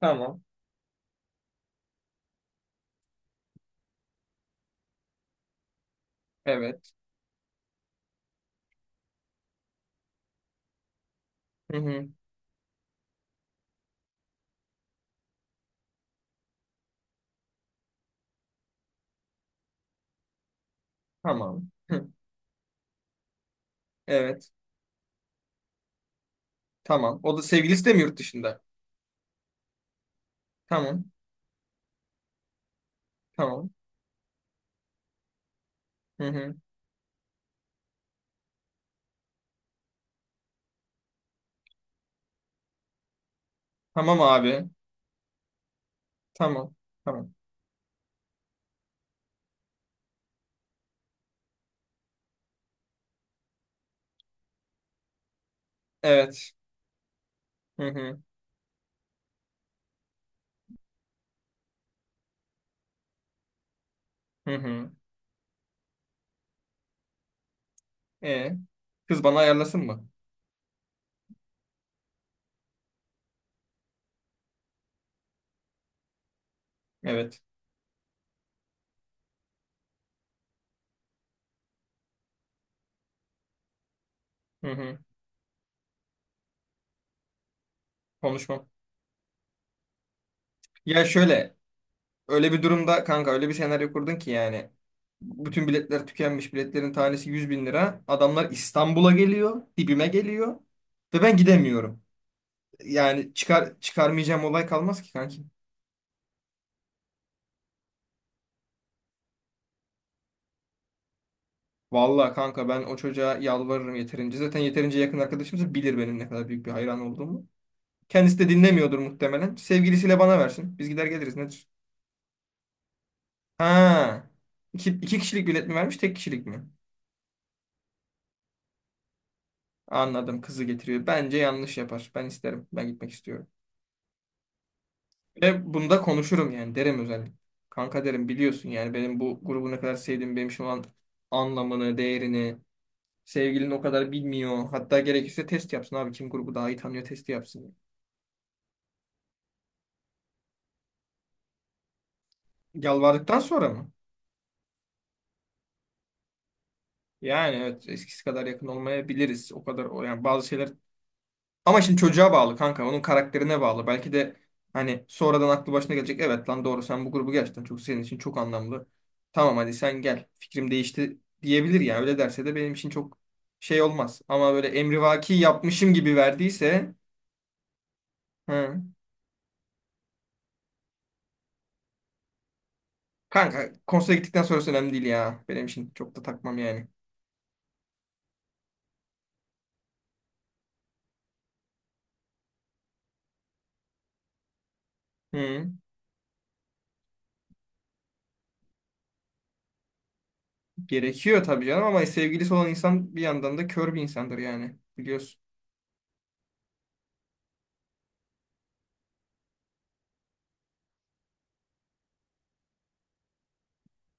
Tamam. Evet. Hı hı. Tamam. Hı. Evet. Tamam. O da sevgilisi de mi yurt dışında? Tamam. Tamam. Hı hı. Tamam abi. Tamam. Tamam. Evet. Hı hı. Hı hı. E, Kız bana ayarlasın mı? Evet. Hı hı. Konuşmam. Ya şöyle, öyle bir durumda kanka öyle bir senaryo kurdun ki yani bütün biletler tükenmiş. Biletlerin tanesi 100 bin lira. Adamlar İstanbul'a geliyor, dibime geliyor ve ben gidemiyorum. Yani çıkar çıkarmayacağım olay kalmaz ki kanki. Vallahi kanka ben o çocuğa yalvarırım yeterince. Zaten yeterince yakın arkadaşımız bilir benim ne kadar büyük bir hayran olduğumu. Kendisi de dinlemiyordur muhtemelen. Sevgilisiyle bana versin. Biz gider geliriz nedir? Ha. İki kişilik bilet mi vermiş, tek kişilik mi? Anladım. Kızı getiriyor. Bence yanlış yapar. Ben isterim. Ben gitmek istiyorum. Ve bunda konuşurum yani. Derim özellikle. Kanka derim biliyorsun yani benim bu grubu ne kadar sevdiğimi, benim şu an anlamını, değerini sevgilin o kadar bilmiyor. Hatta gerekirse test yapsın abi. Kim grubu daha iyi tanıyor testi yapsın. Yalvardıktan sonra mı? Yani evet eskisi kadar yakın olmayabiliriz. O kadar o yani bazı şeyler ama şimdi çocuğa bağlı kanka. Onun karakterine bağlı. Belki de hani sonradan aklı başına gelecek. Evet lan doğru sen bu grubu gerçekten çok senin için çok anlamlı. Tamam hadi sen gel. Fikrim değişti diyebilir ya. Öyle derse de benim için çok şey olmaz. Ama böyle emrivaki yapmışım gibi verdiyse hı. Kanka konsere gittikten sonrası önemli değil ya. Benim için çok da takmam yani. Hı. Gerekiyor tabii canım ama sevgilisi olan insan bir yandan da kör bir insandır yani. Biliyorsun.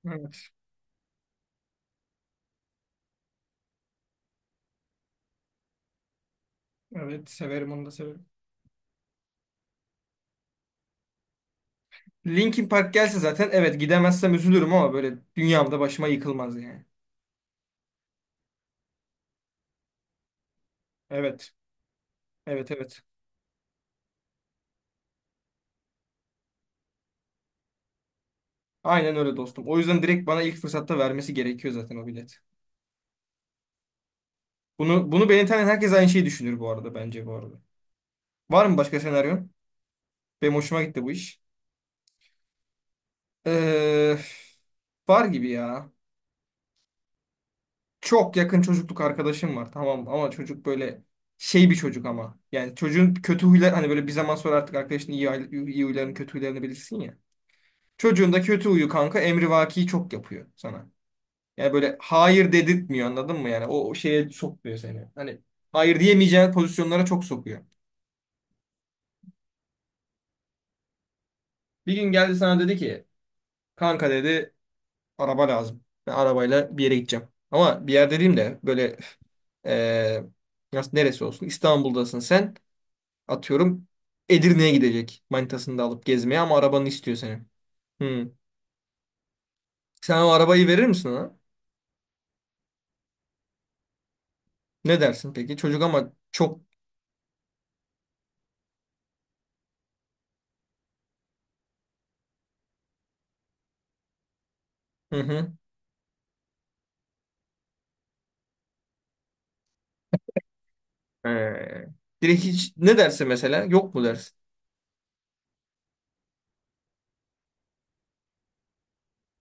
Evet. Evet severim onu da severim. Linkin Park gelse zaten evet gidemezsem üzülürüm ama böyle dünyamda başıma yıkılmaz yani. Evet. Evet evet. Aynen öyle dostum. O yüzden direkt bana ilk fırsatta vermesi gerekiyor zaten o bilet. Bunu beni tanıyan herkes aynı şeyi düşünür bu arada bence bu arada. Var mı başka senaryon? Benim hoşuma gitti bu iş. Ee, Var gibi ya. Çok yakın çocukluk arkadaşım var tamam mı? Ama çocuk böyle şey bir çocuk ama. Yani çocuğun kötü huylar hani böyle bir zaman sonra artık arkadaşın iyi, iyi huylarını kötü huylarını bilirsin ya. Çocuğun da kötü huyu kanka emrivaki çok yapıyor sana. Yani böyle hayır dedirtmiyor anladın mı yani o şeye sokmuyor seni. Hani hayır diyemeyeceğin pozisyonlara çok sokuyor. Bir gün geldi sana dedi ki kanka dedi araba lazım. Ben arabayla bir yere gideceğim. Ama bir yer dediğim de böyle eee, nasıl neresi olsun, İstanbul'dasın sen. Atıyorum Edirne'ye gidecek manitasını da alıp gezmeye ama arabanı istiyor senin. Hmm. Sen o arabayı verir misin ona? Ne dersin peki? Çocuk ama çok... Hı hı. Ee, Direkt hiç ne derse mesela yok mu dersin?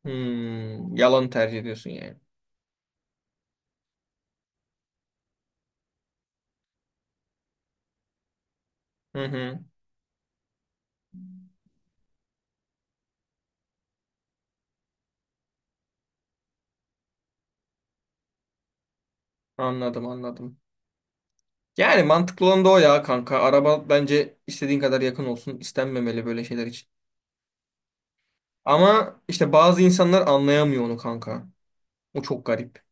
Hmm, yalan tercih ediyorsun yani. Hı hı. Anladım, anladım. Yani mantıklı olan da o ya kanka. Araba bence istediğin kadar yakın olsun, İstenmemeli böyle şeyler için. Ama işte bazı insanlar anlayamıyor onu kanka. O çok garip.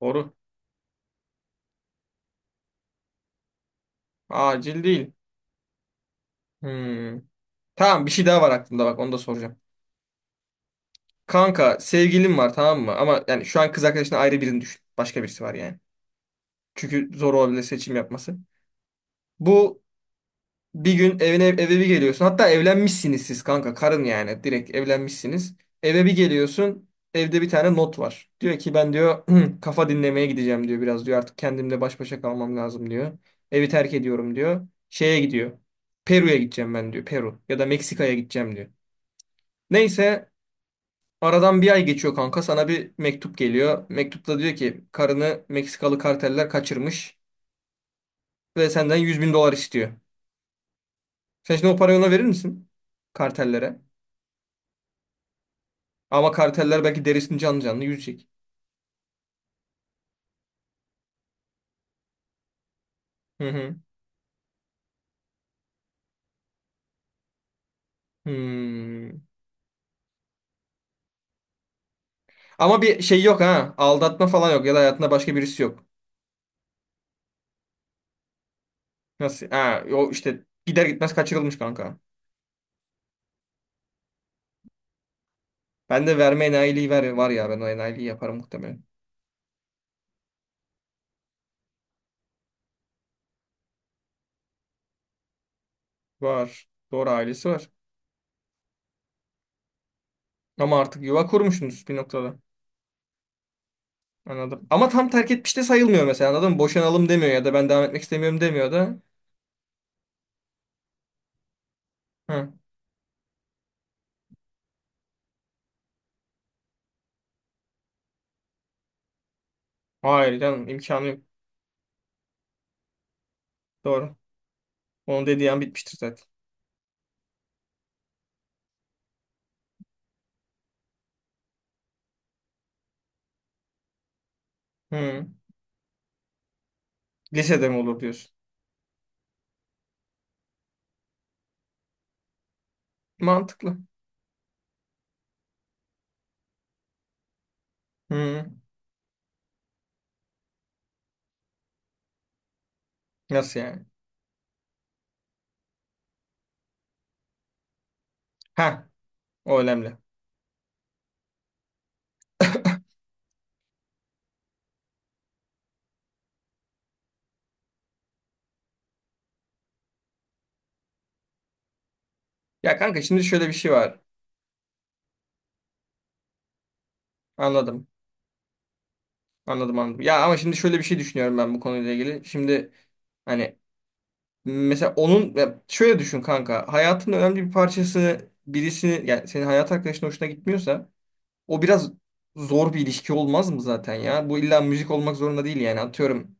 Doğru. Acil değil. Hmm. Tamam, bir şey daha var aklımda, bak onu da soracağım. Kanka sevgilin var tamam mı? Ama yani şu an kız arkadaşına ayrı birini düşün. Başka birisi var yani. Çünkü zor olabilir seçim yapması. Bu bir gün evine, eve bir geliyorsun. Hatta evlenmişsiniz siz kanka, karın yani, direkt evlenmişsiniz. Eve bir geliyorsun. Evde bir tane not var. Diyor ki ben diyor kafa dinlemeye gideceğim diyor biraz diyor. Artık kendimle baş başa kalmam lazım diyor. Evi terk ediyorum diyor. Şeye gidiyor. Peru'ya gideceğim ben diyor. Peru ya da Meksika'ya gideceğim diyor. Neyse, aradan bir ay geçiyor kanka. Sana bir mektup geliyor. Mektupta diyor ki karını Meksikalı karteller kaçırmış ve senden 100 bin dolar istiyor. Sen şimdi o parayı ona verir misin? Kartellere. Ama karteller belki derisini canlı canlı yüzecek. Hı hı. Hmm. Ama bir şey yok ha. Aldatma falan yok ya da hayatında başka birisi yok. Nasıl? Ha, o işte gider gitmez kaçırılmış kanka. Ben de verme enayiliği, ver, var ya ben o enayiliği yaparım muhtemelen. Var. Doğru, ailesi var. Ama artık yuva kurmuşsunuz bir noktada. Anladım. Ama tam terk etmiş de sayılmıyor mesela anladın mı? Boşanalım demiyor ya da ben devam etmek istemiyorum demiyor da. Hı. Hayır canım, imkanı yok. Doğru. Onun dediği an bitmiştir zaten. Hı. Lisede mi olur diyorsun? Mantıklı. Hı. Nasıl yani? Ha, o önemli. Ya kanka şimdi şöyle bir şey var. Anladım. Anladım, anladım. Ya ama şimdi şöyle bir şey düşünüyorum ben bu konuyla ilgili. Şimdi hani mesela onun, ya şöyle düşün kanka. Hayatının önemli bir parçası birisi, yani senin hayat arkadaşın hoşuna gitmiyorsa o biraz zor bir ilişki olmaz mı zaten ya? Bu illa müzik olmak zorunda değil yani, atıyorum.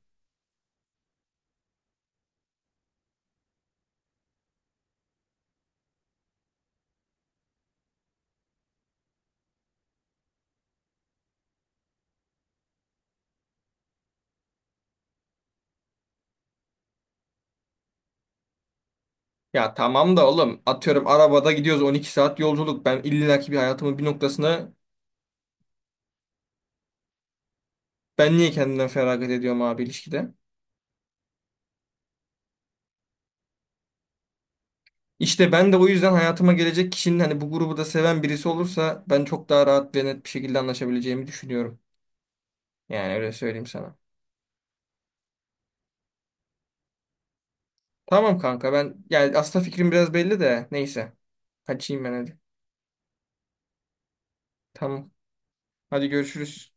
Ya tamam da oğlum, atıyorum arabada gidiyoruz 12 saat yolculuk. Ben illaki bir hayatımın bir noktasına, ben niye kendimden feragat ediyorum abi ilişkide? İşte ben de o yüzden hayatıma gelecek kişinin hani bu grubu da seven birisi olursa ben çok daha rahat ve net bir şekilde anlaşabileceğimi düşünüyorum. Yani öyle söyleyeyim sana. Tamam kanka, ben yani aslında fikrim biraz belli de neyse. Kaçayım ben hadi. Tamam. Hadi görüşürüz.